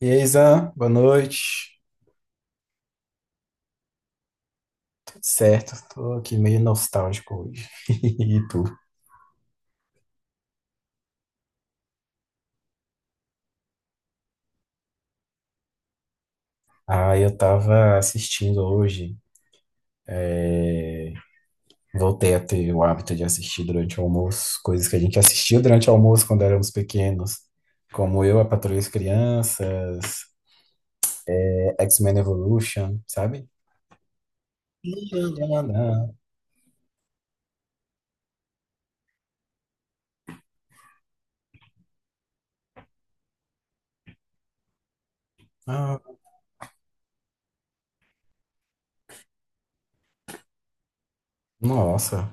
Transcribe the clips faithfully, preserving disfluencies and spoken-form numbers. E aí, Zan, boa noite. Tudo certo? Tô aqui meio nostálgico hoje. E tu? Ah, eu tava assistindo hoje. é, Voltei a ter o hábito de assistir durante o almoço, coisas que a gente assistia durante o almoço quando éramos pequenos, como Eu, a Patrulha das Crianças, é, X-Men Evolution, sabe? Ah, nossa,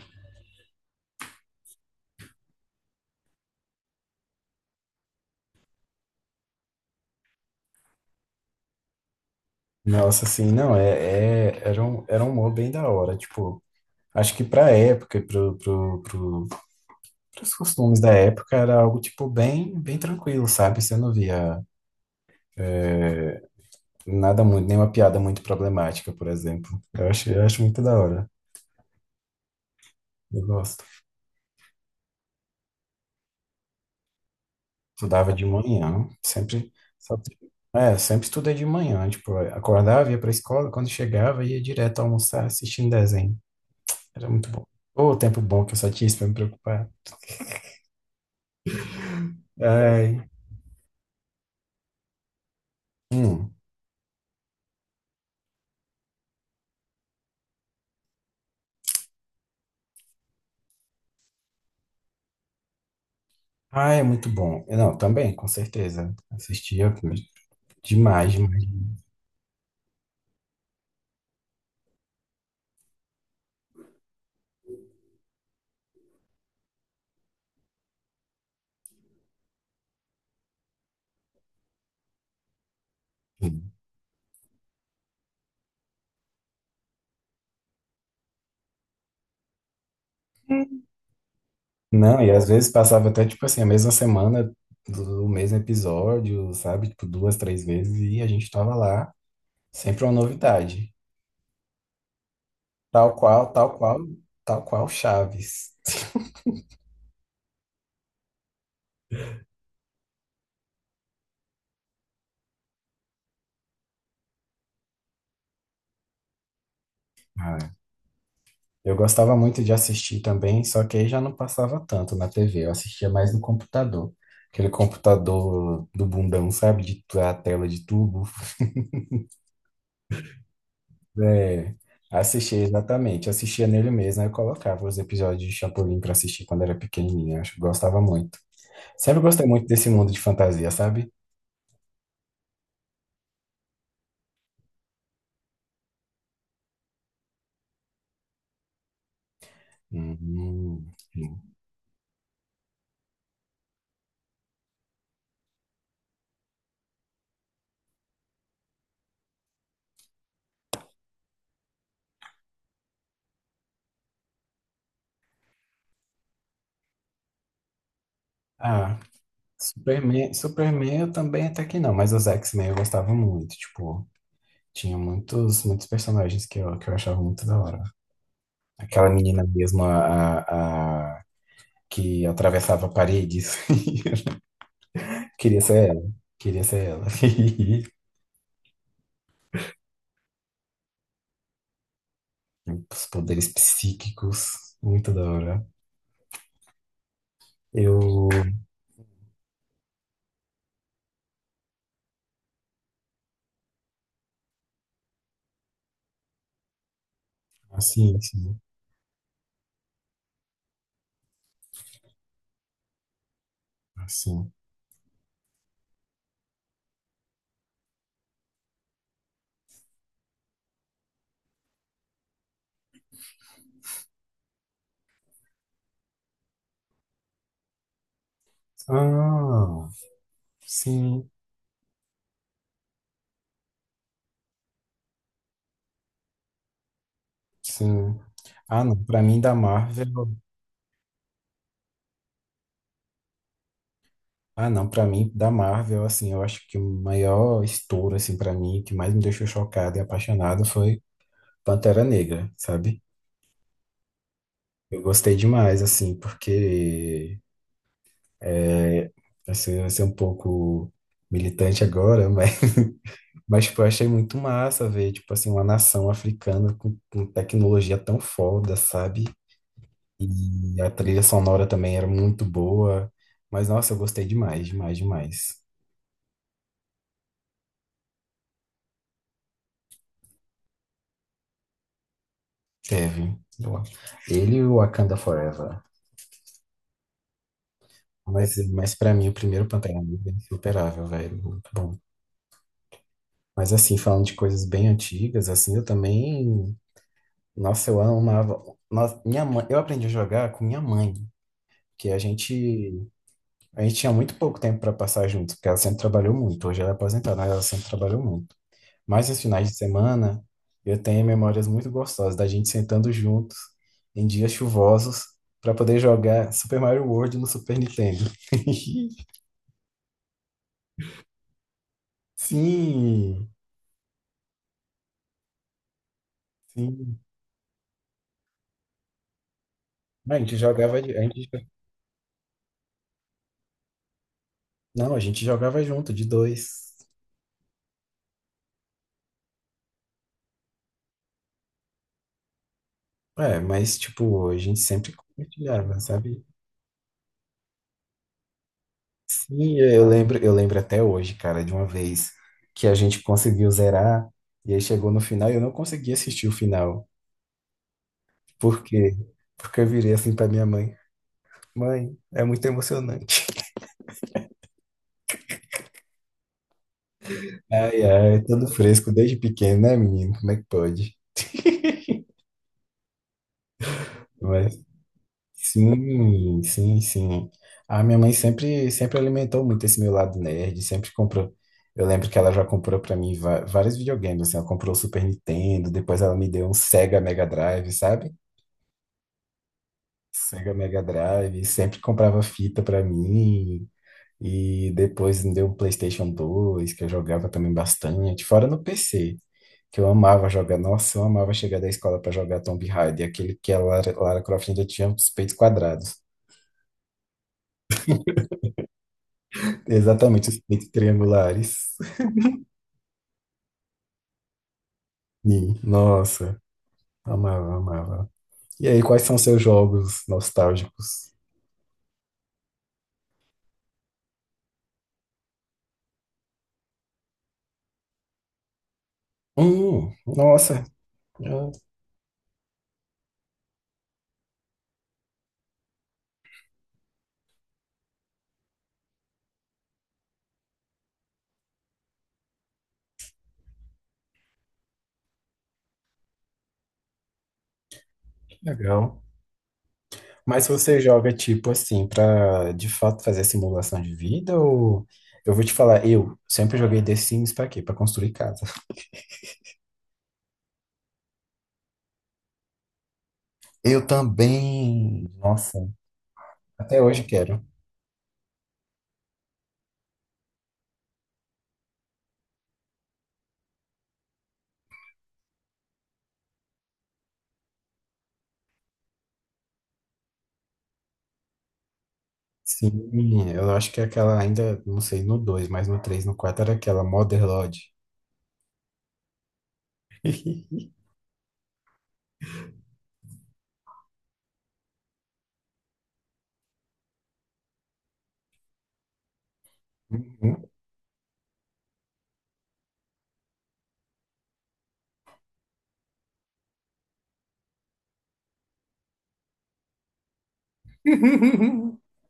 nossa, assim, não, é, é- era um, era um humor bem da hora, tipo, acho que pra época, e pro, os costumes da época era algo, tipo, bem, bem tranquilo, sabe? Você não via é, nada muito, nenhuma piada muito problemática, por exemplo. Eu acho, eu acho muito da hora. Eu gosto. Estudava de manhã, sempre, só- é, sempre estudei de manhã, tipo, acordava, ia pra escola, quando chegava, ia direto almoçar, assistindo desenho. Era muito bom. Ô, tempo bom que eu só tinha isso pra me preocupar. Ai, hum. Ai, é muito bom. Não, também, com certeza. Assistia demais, demais. Não, e às vezes passava até, tipo assim, a mesma semana do mesmo episódio, sabe? Tipo, duas, três vezes, e a gente tava lá, sempre uma novidade. Tal qual, tal qual, tal qual Chaves. Ah, eu gostava muito de assistir também, só que aí já não passava tanto na T V, eu assistia mais no computador. Aquele computador do bundão, sabe? De tu- a tela de tubo. É, assistia exatamente, assistia nele mesmo, aí eu colocava os episódios de Chapolin pra assistir quando era pequenininho, acho que gostava muito. Sempre gostei muito desse mundo de fantasia, sabe? Hum, hum. Ah, Superman, Superman eu também até que não, mas os X-Men eu gostava muito, tipo, tinha muitos, muitos personagens que eu, que eu achava muito da hora. Aquela menina mesmo, a, a, a- que atravessava paredes. Queria ser ela, queria ser ela. Os poderes psíquicos, muito da hora. Eu, assim, assim, assim. Ah, sim. Sim. Ah, não, para mim da Marvel, ah, não, para mim da Marvel, assim, eu acho que o maior estouro assim para mim, que mais me deixou chocado e apaixonado foi Pantera Negra, sabe? Eu gostei demais assim, porque é, vai ser vai ser um pouco militante agora, mas mas tipo, eu achei muito massa ver, tipo assim, uma nação africana com, com tecnologia tão foda, sabe? E a trilha sonora também era muito boa. Mas, nossa, eu gostei demais, demais, demais. Teve. Eu- Ele e o Wakanda Forever. Mas, mas para mim, o primeiro Pantera Negra é insuperável, velho. Muito bom. Mas, assim, falando de coisas bem antigas, assim, eu também... Nossa, eu amava... Nossa, minha mãe... Eu aprendi a jogar com minha mãe. Que a gente... A gente tinha muito pouco tempo para passar juntos, porque ela sempre trabalhou muito. Hoje ela é aposentada, mas ela sempre trabalhou muito. Mas nos finais de semana, eu tenho memórias muito gostosas da gente sentando juntos em dias chuvosos para poder jogar Super Mario World no Super Nintendo. Sim, sim. A gente jogava, de- a gente, não, a gente jogava junto, de dois. É, mas tipo, a gente sempre compartilhava, sabe? Sim, eu lembro, eu lembro até hoje, cara, de uma vez que a gente conseguiu zerar e aí chegou no final e eu não consegui assistir o final. Por quê? Porque eu virei assim pra minha mãe. Mãe, é muito emocionante. Ai, ai, todo fresco desde pequeno, né, menino? Como é que pode? Mas, sim, sim, sim. A minha mãe sempre, sempre alimentou muito esse meu lado nerd, sempre comprou. Eu lembro que ela já comprou pra mim va- vários videogames, assim, ela comprou o Super Nintendo, depois ela me deu um Sega Mega Drive, sabe? Sega Mega Drive, sempre comprava fita pra mim. E depois me deu um PlayStation dois, que eu jogava também bastante, fora no P C, que eu amava jogar. Nossa, eu amava chegar da escola para jogar Tomb Raider, aquele que a Lara, Lara Croft ainda tinha os peitos quadrados. Exatamente, os peitos triangulares. E, nossa, amava, amava. E aí, quais são seus jogos nostálgicos? Hum, nossa, ah, que legal. Mas se você joga tipo assim pra de fato fazer simulação de vida ou eu vou te falar, eu sempre joguei The Sims pra quê? Pra construir casa. Eu também. Nossa, até hoje quero. Sim, eu acho que aquela ainda, não sei, no dois mas no três no quatro era aquela Mother Lodge. Uhum.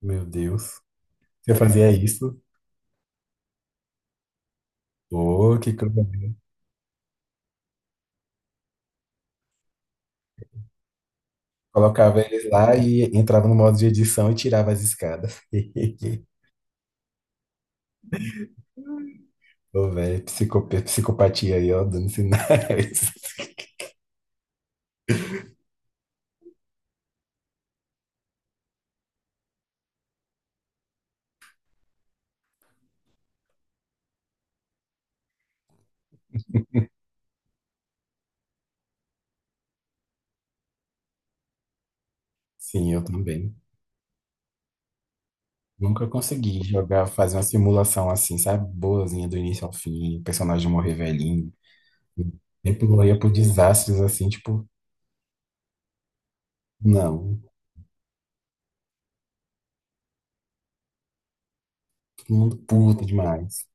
Meu Deus. Eu fazia isso? Pô, que coisa. Colocava eles lá e entrava no modo de edição e tirava as escadas. Ô, velho, psicope- psicopatia aí, ó, dando sinais. Sim, eu também. Nunca consegui jogar, fazer uma simulação assim, sabe? Boazinha do início ao fim, personagem morrer velhinho. Sempre morria por desastres assim, tipo, não, todo mundo puta demais.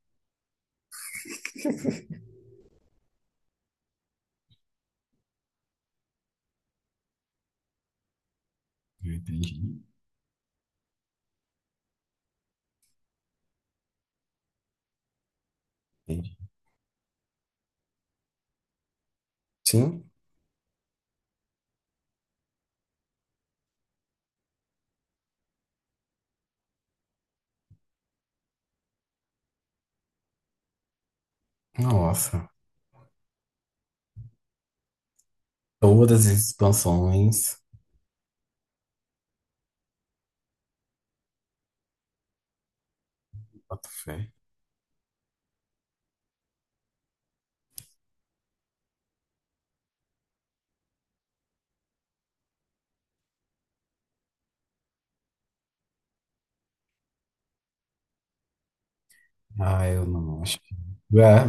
Eu entendi, entendi. Sim, nossa. Todas as expansões. Bota fé. Ah, eu não acho. que- Ah,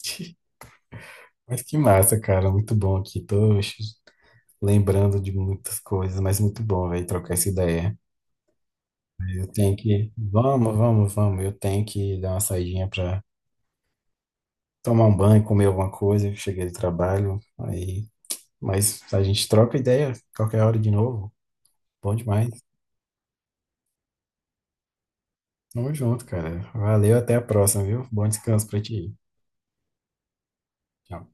mas que massa, cara. Muito bom aqui. Tô lembrando de muitas coisas, mas muito bom, velho, trocar essa ideia. Eu tenho que. Vamos, vamos, vamos. Eu tenho que dar uma saidinha pra tomar um banho, comer alguma coisa. Cheguei do trabalho, aí. Mas a gente troca ideia qualquer hora de novo. Bom demais. Tamo junto, cara. Valeu, até a próxima, viu? Bom descanso pra ti. Tchau.